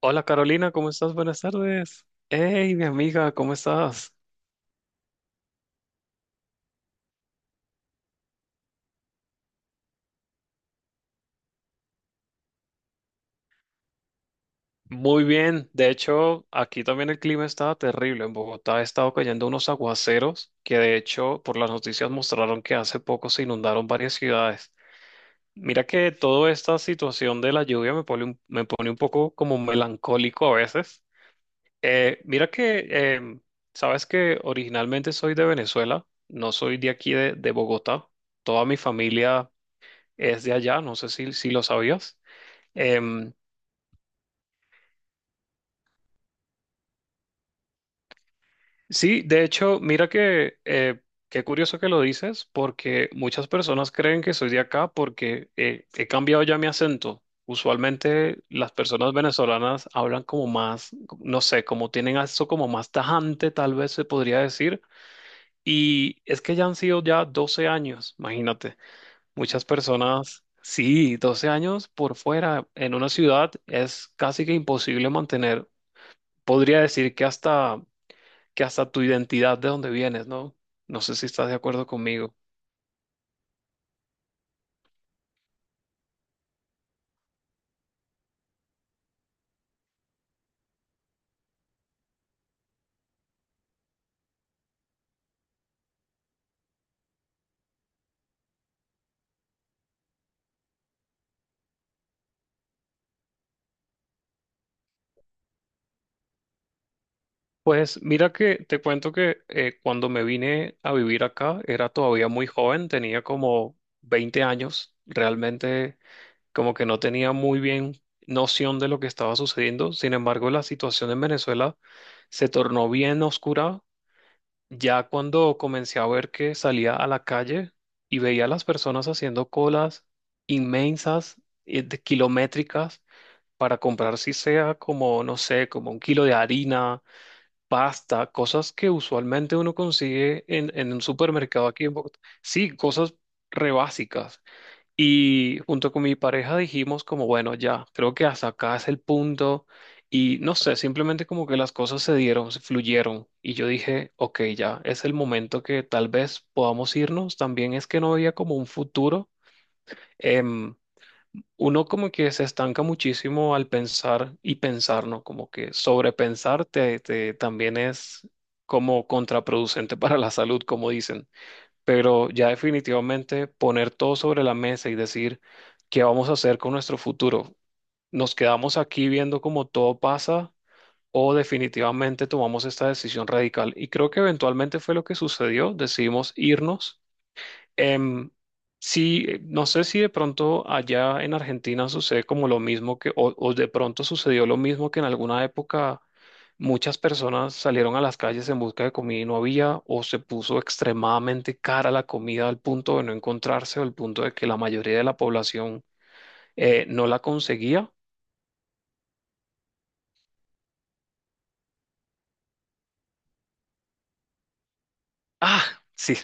Hola Carolina, ¿cómo estás? Buenas tardes. Hey, mi amiga, ¿cómo estás? Muy bien. De hecho, aquí también el clima estaba terrible. En Bogotá ha estado cayendo unos aguaceros que de hecho por las noticias mostraron que hace poco se inundaron varias ciudades. Mira que toda esta situación de la lluvia me pone un poco como melancólico a veces. Mira que, sabes que originalmente soy de Venezuela, no soy de aquí de Bogotá. Toda mi familia es de allá, no sé si lo sabías. Em, sí, de hecho, mira que qué curioso que lo dices, porque muchas personas creen que soy de acá porque he cambiado ya mi acento. Usualmente las personas venezolanas hablan como más, no sé, como tienen eso como más tajante, tal vez se podría decir. Y es que ya han sido ya 12 años, imagínate. Muchas personas, sí, 12 años por fuera en una ciudad es casi que imposible mantener. Podría decir que hasta tu identidad de dónde vienes, ¿no? No sé si estás de acuerdo conmigo. Pues mira que te cuento que cuando me vine a vivir acá era todavía muy joven, tenía como 20 años, realmente como que no tenía muy bien noción de lo que estaba sucediendo. Sin embargo, la situación en Venezuela se tornó bien oscura. Ya cuando comencé a ver que salía a la calle y veía a las personas haciendo colas inmensas, de kilométricas, para comprar si sea como, no sé, como un kilo de harina, pasta, cosas que usualmente uno consigue en un supermercado aquí en Bogotá. Sí, cosas re básicas. Y junto con mi pareja dijimos como, bueno, ya, creo que hasta acá es el punto. Y no sé, simplemente como que las cosas se dieron, se fluyeron. Y yo dije, ok, ya, es el momento que tal vez podamos irnos. También es que no había como un futuro. Em, Uno como que se estanca muchísimo al pensar y pensar, ¿no? Como que sobrepensar también es como contraproducente para la salud, como dicen. Pero ya definitivamente poner todo sobre la mesa y decir qué vamos a hacer con nuestro futuro. ¿Nos quedamos aquí viendo cómo todo pasa o definitivamente tomamos esta decisión radical? Y creo que eventualmente fue lo que sucedió. Decidimos irnos. Em, sí, no sé si de pronto allá en Argentina sucede como lo mismo que, o de pronto sucedió lo mismo que en alguna época muchas personas salieron a las calles en busca de comida y no había, o se puso extremadamente cara la comida al punto de no encontrarse, o al punto de que la mayoría de la población no la conseguía. Ah, sí.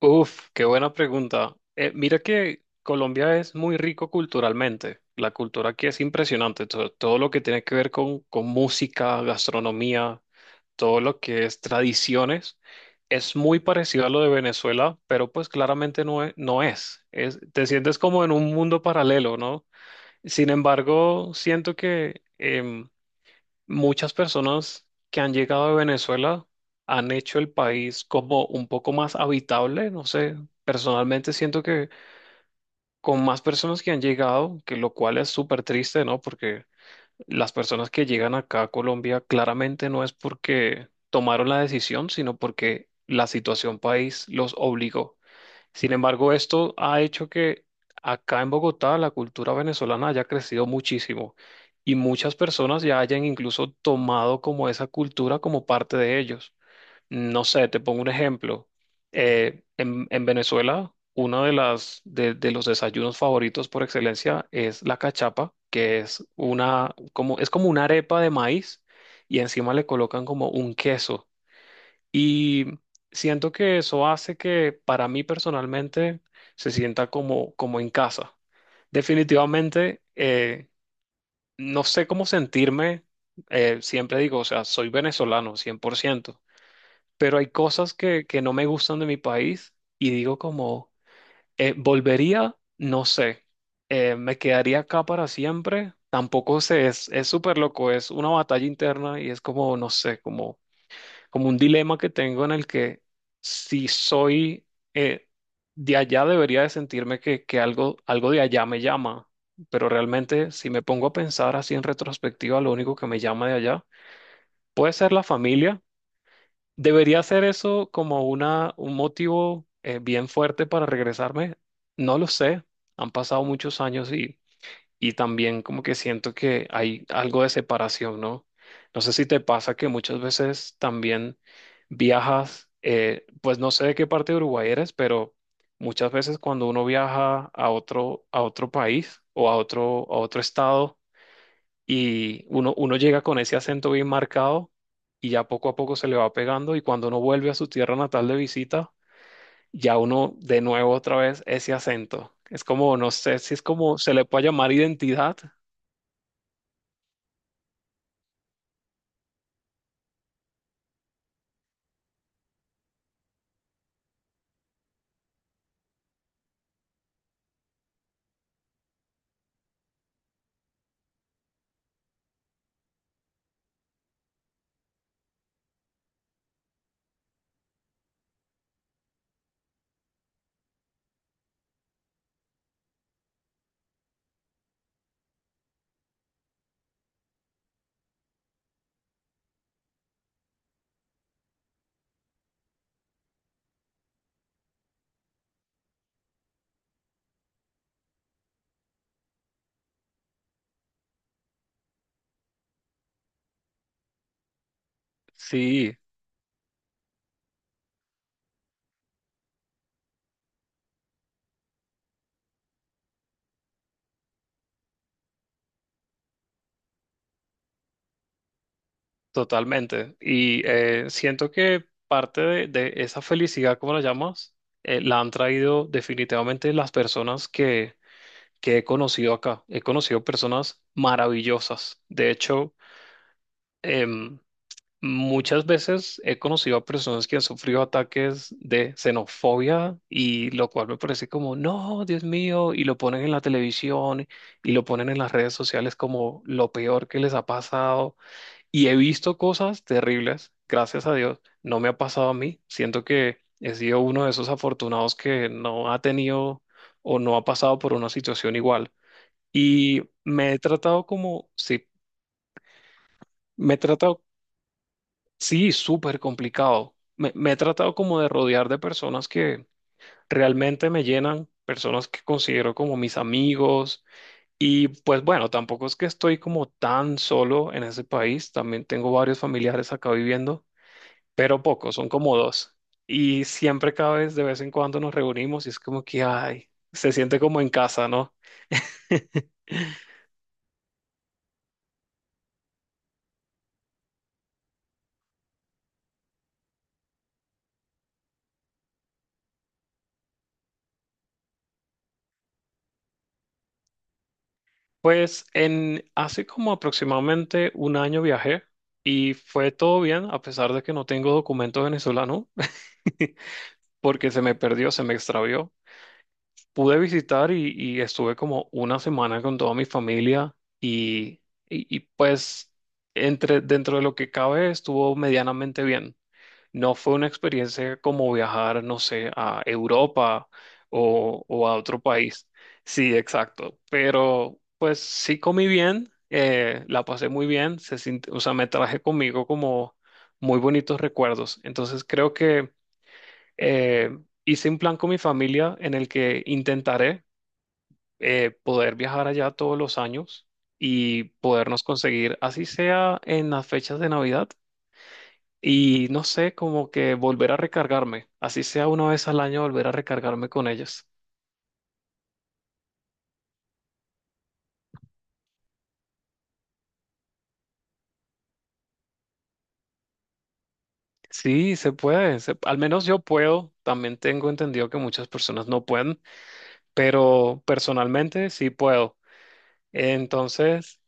Uf, qué buena pregunta. Mira que Colombia es muy rico culturalmente. La cultura aquí es impresionante. Todo lo que tiene que ver con música, gastronomía, todo lo que es tradiciones, es muy parecido a lo de Venezuela, pero pues claramente no es, no es. Te sientes como en un mundo paralelo, ¿no? Sin embargo, siento que muchas personas que han llegado de Venezuela han hecho el país como un poco más habitable, no sé, personalmente siento que con más personas que han llegado, que lo cual es súper triste, ¿no? Porque las personas que llegan acá a Colombia claramente no es porque tomaron la decisión, sino porque la situación país los obligó. Sin embargo, esto ha hecho que acá en Bogotá la cultura venezolana haya crecido muchísimo y muchas personas ya hayan incluso tomado como esa cultura como parte de ellos. No sé, te pongo un ejemplo. En Venezuela, uno de las de los desayunos favoritos por excelencia es la cachapa, que es una como es como una arepa de maíz y encima le colocan como un queso. Y siento que eso hace que para mí personalmente se sienta como en casa. Definitivamente, no sé cómo sentirme. Siempre digo, o sea, soy venezolano, 100%, pero hay cosas que no me gustan de mi país y digo como, volvería, no sé, me quedaría acá para siempre. Tampoco sé, es súper loco, es una batalla interna y es como, no sé, como un dilema que tengo en el que si soy eh, de allá debería de sentirme que, algo de allá me llama, pero realmente si me pongo a pensar así en retrospectiva, lo único que me llama de allá puede ser la familia. ¿Debería ser eso como un motivo bien fuerte para regresarme? No lo sé. Han pasado muchos años y también como que siento que hay algo de separación, ¿no? No sé si te pasa que muchas veces también viajas, pues no sé de qué parte de Uruguay eres, pero muchas veces cuando uno viaja a otro, a otro, país o a otro estado y uno llega con ese acento bien marcado y ya poco a poco se le va pegando y cuando uno vuelve a su tierra natal de visita, ya uno de nuevo otra vez ese acento. Es como, no sé si es como se le puede llamar identidad. Sí, totalmente. Y siento que parte de esa felicidad, como la llamas, la han traído definitivamente las personas que he conocido acá. He conocido personas maravillosas. De hecho, em, muchas veces he conocido a personas que han sufrido ataques de xenofobia y lo cual me parece como, no, Dios mío, y lo ponen en la televisión y lo ponen en las redes sociales como lo peor que les ha pasado. Y he visto cosas terribles, gracias a Dios, no me ha pasado a mí. Siento que he sido uno de esos afortunados que no ha tenido o no ha pasado por una situación igual. Y me he tratado como, sí. Me, he tratado, sí, súper complicado. Me he tratado como de rodear de personas que realmente me llenan, personas que considero como mis amigos. Y pues bueno, tampoco es que estoy como tan solo en ese país, también tengo varios familiares acá viviendo, pero pocos, son como dos. Y siempre cada vez, de vez en cuando nos reunimos y es como que, ay, se siente como en casa, ¿no? Pues en hace como aproximadamente un año viajé y fue todo bien, a pesar de que no tengo documento venezolano, porque se me perdió, se me extravió. Pude visitar y estuve como una semana con toda mi familia y pues dentro de lo que cabe estuvo medianamente bien. No fue una experiencia como viajar, no sé, a Europa o a otro país. Sí, exacto. Pero pues sí comí bien, la pasé muy bien, o sea, me traje conmigo como muy bonitos recuerdos. Entonces creo que eh, hice un plan con mi familia en el que intentaré poder viajar allá todos los años y podernos conseguir, así sea en las fechas de Navidad y no sé, como que volver a recargarme, así sea una vez al año volver a recargarme con ellas. Sí, se puede, al menos yo puedo, también tengo entendido que muchas personas no pueden, pero personalmente sí puedo. Entonces,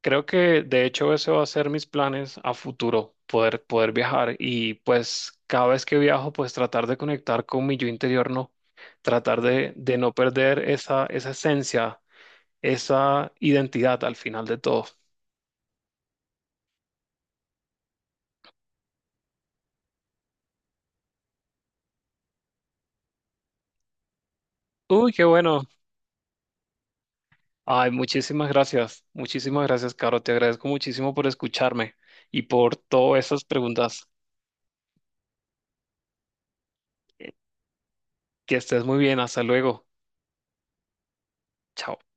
creo que de hecho ese va a ser mis planes a futuro, poder viajar y pues cada vez que viajo, pues tratar de conectar con mi yo interior, no, tratar de no perder esa esencia, esa identidad al final de todo. Uy, qué bueno. Ay, muchísimas gracias. Muchísimas gracias, Caro. Te agradezco muchísimo por escucharme y por todas esas preguntas. Que estés muy bien. Hasta luego. Chao.